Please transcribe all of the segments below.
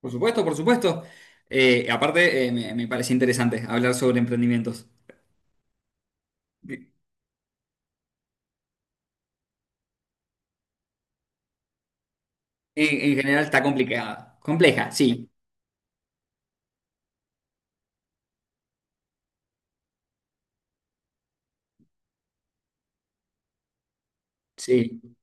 Por supuesto, por supuesto. Aparte, me parece interesante hablar sobre emprendimientos. En, en general está complicada. Compleja, sí. Sí.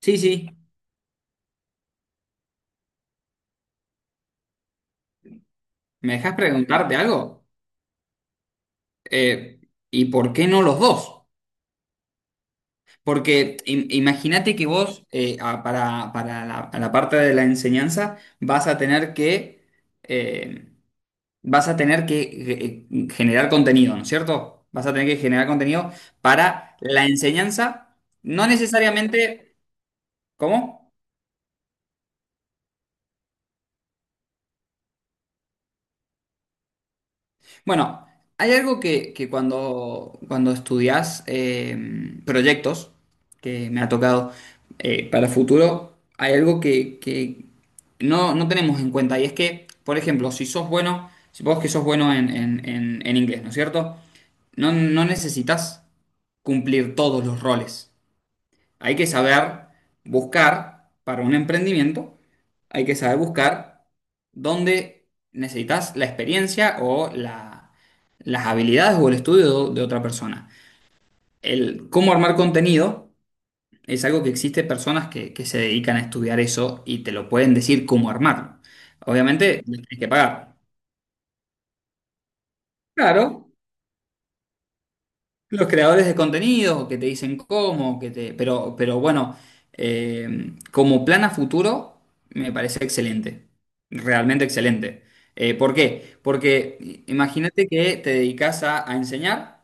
Sí, sí. ¿Me dejas preguntarte algo? Eh, ¿y por qué no los dos? Porque imagínate que vos, para a la parte de la enseñanza, vas a tener que, eh, vas a tener que generar contenido, ¿no es cierto? Vas a tener que generar contenido para la enseñanza, no necesariamente, ¿cómo? Bueno, hay algo que cuando, cuando estudias proyectos, que me ha tocado para futuro, hay algo que no tenemos en cuenta, y es que, por ejemplo, si sos bueno, si vos que sos bueno en, en inglés, ¿no es cierto? No necesitas cumplir todos los roles. Hay que saber buscar para un emprendimiento, hay que saber buscar dónde necesitas la experiencia o las habilidades o el estudio de otra persona. El cómo armar contenido es algo que existe personas que se dedican a estudiar eso y te lo pueden decir cómo armarlo. Obviamente, les tienes que pagar. Claro, los creadores de contenidos que te dicen cómo, que te, pero bueno, como plan a futuro me parece excelente, realmente excelente. ¿Por qué? Porque imagínate que te dedicas a enseñar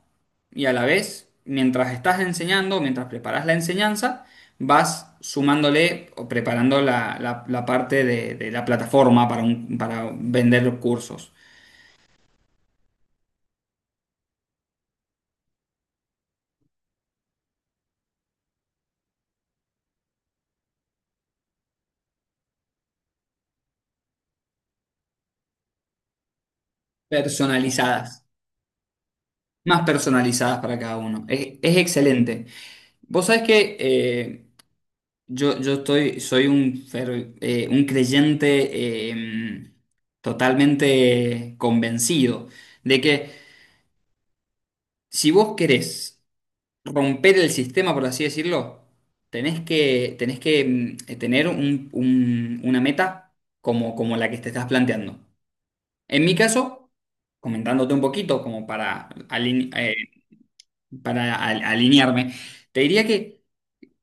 y a la vez, mientras estás enseñando, mientras preparas la enseñanza, vas sumándole o preparando la parte de la plataforma para, para vender cursos personalizadas, más personalizadas para cada uno. Es excelente. Vos sabés que soy un, un creyente eh, totalmente convencido de que si vos querés romper el sistema, por así decirlo, tenés que tener una meta como, como la que te estás planteando. En mi caso, comentándote un poquito como para, para alinearme, te diría que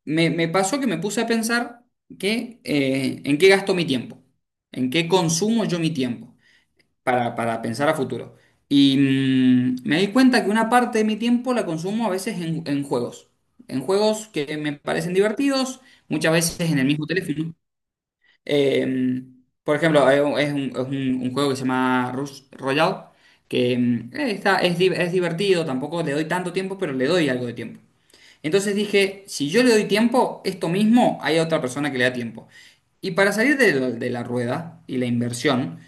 me pasó que me puse a pensar que, en qué gasto mi tiempo, en qué consumo yo mi tiempo para pensar a futuro. Y me di cuenta que una parte de mi tiempo la consumo a veces en juegos que me parecen divertidos, muchas veces en el mismo teléfono. Eh, por ejemplo, hay es un, es un juego que se llama Rush Royale, que está, es, es divertido, tampoco le doy tanto tiempo, pero le doy algo de tiempo. Entonces dije, si yo le doy tiempo, esto mismo hay otra persona que le da tiempo. Y para salir de la rueda y la inversión,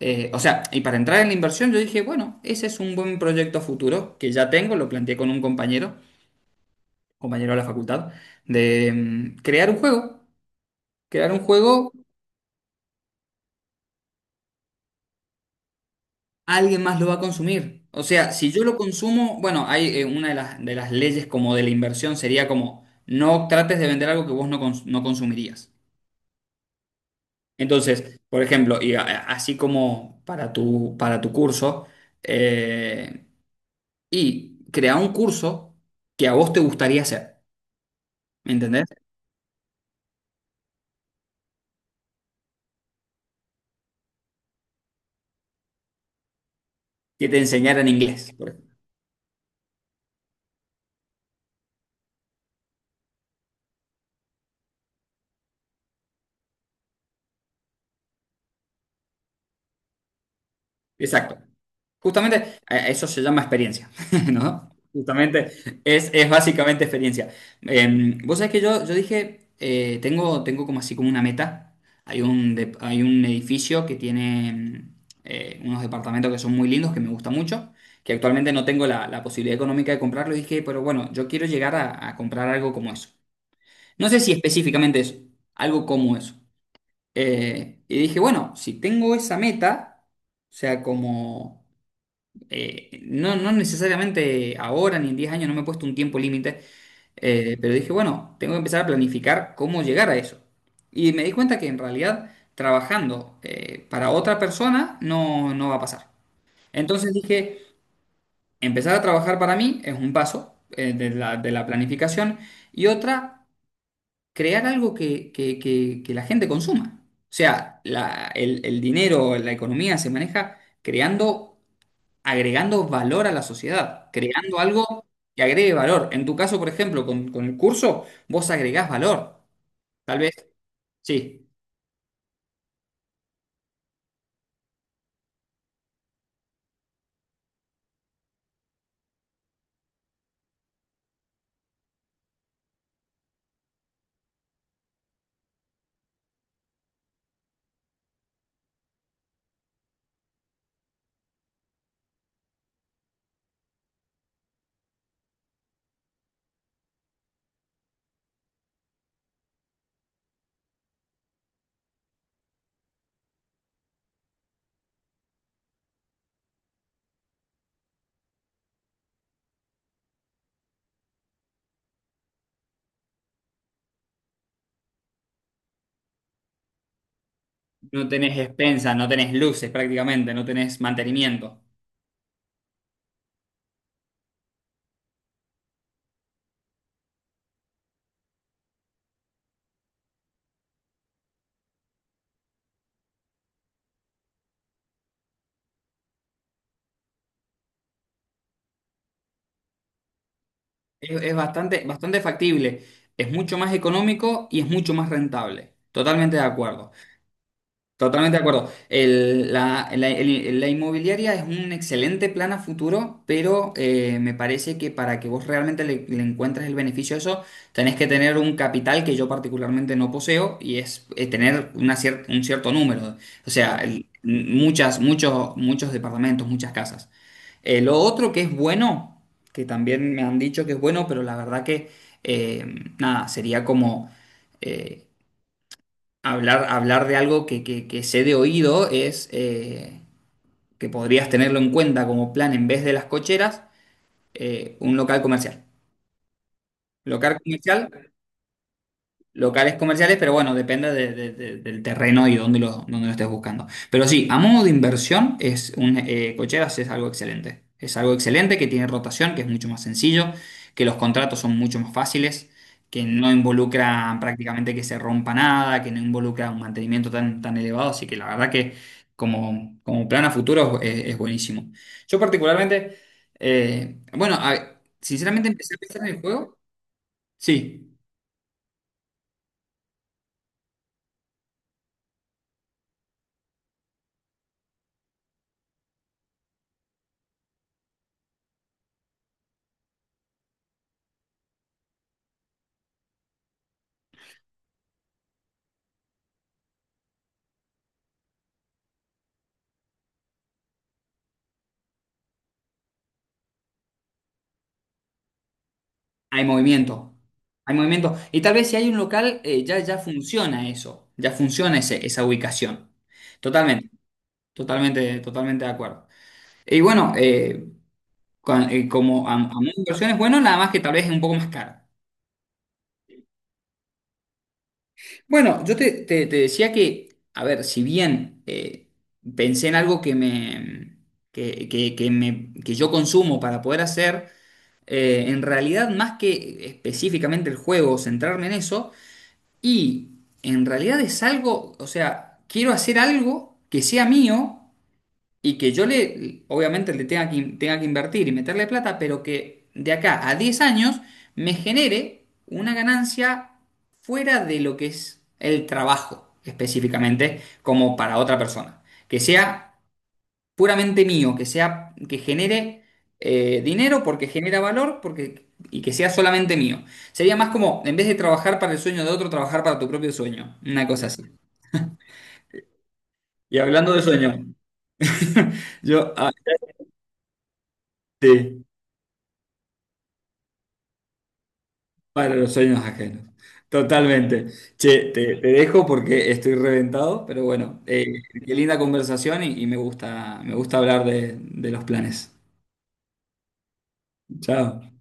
o sea, y para entrar en la inversión, yo dije, bueno, ese es un buen proyecto futuro que ya tengo, lo planteé con un compañero, compañero de la facultad, de crear un juego. Crear un juego, alguien más lo va a consumir. O sea, si yo lo consumo, bueno, hay una de las leyes como de la inversión sería como, no trates de vender algo que vos no no consumirías. Entonces, por ejemplo, así como para tu curso, eh, y crea un curso que a vos te gustaría hacer, ¿me entendés? Que te enseñaran inglés, por ejemplo. Exacto. Justamente, eso se llama experiencia, ¿no? Justamente, es básicamente experiencia. Vos sabés que yo dije, tengo como así como una meta. Hay un, hay un edificio que tiene unos departamentos que son muy lindos, que me gusta mucho, que actualmente no tengo la posibilidad económica de comprarlo. Y dije, pero bueno, yo quiero llegar a comprar algo como eso. No sé si específicamente eso, algo como eso. Y dije, bueno, si tengo esa meta, o sea, como no necesariamente ahora ni en 10 años, no me he puesto un tiempo límite, pero dije, bueno, tengo que empezar a planificar cómo llegar a eso. Y me di cuenta que en realidad trabajando para otra persona no va a pasar. Entonces dije, empezar a trabajar para mí es un paso de de la planificación y otra, crear algo que la gente consuma. O sea, el dinero, la economía se maneja creando, agregando valor a la sociedad, creando algo que agregue valor. En tu caso, por ejemplo, con el curso, vos agregás valor. Tal vez, sí, no tenés expensas, no tenés luces prácticamente, no tenés mantenimiento. Es bastante, bastante factible, es mucho más económico y es mucho más rentable. Totalmente de acuerdo. Totalmente de acuerdo. La inmobiliaria es un excelente plan a futuro, pero me parece que para que vos realmente le encuentres el beneficio a eso, tenés que tener un capital que yo particularmente no poseo y es tener una un cierto número. O sea, claro, muchas, muchos, muchos departamentos, muchas casas. Lo otro que es bueno, que también me han dicho que es bueno, pero la verdad que, eh, nada, sería como eh, hablar, hablar de algo que sé de oído es que podrías tenerlo en cuenta como plan en vez de las cocheras, un local comercial. Local comercial, locales comerciales, pero bueno, depende del terreno y dónde lo estés buscando. Pero sí, a modo de inversión, cocheras es algo excelente. Es algo excelente que tiene rotación, que es mucho más sencillo, que los contratos son mucho más fáciles, que no involucran prácticamente que se rompa nada, que no involucra un mantenimiento tan, tan elevado. Así que la verdad que como, como plan a futuro es buenísimo. Yo particularmente, bueno, sinceramente empecé a pensar en el juego. Sí. Hay movimiento, hay movimiento. Y tal vez si hay un local, ya, ya funciona eso, ya funciona esa ubicación. Totalmente, totalmente, totalmente de acuerdo. Y bueno, como a modo de inversión es bueno, nada más que tal vez es un poco más caro. Bueno, yo te, te decía que, a ver, si bien pensé en algo que me, que me, que yo consumo para poder hacer, en realidad más que específicamente el juego, centrarme en eso. Y en realidad es algo, o sea, quiero hacer algo que sea mío y que yo le, obviamente le tenga que invertir y meterle plata, pero que de acá a 10 años me genere una ganancia fuera de lo que es el trabajo específicamente, como para otra persona. Que sea puramente mío, que sea, que genere dinero porque genera valor porque, y que sea solamente mío. Sería más como, en vez de trabajar para el sueño de otro, trabajar para tu propio sueño. Una cosa así. Y hablando de sueño, yo, ah, sí, para los sueños ajenos. Totalmente. Che, te dejo porque estoy reventado, pero bueno, qué linda conversación y me gusta hablar de los planes. Chao.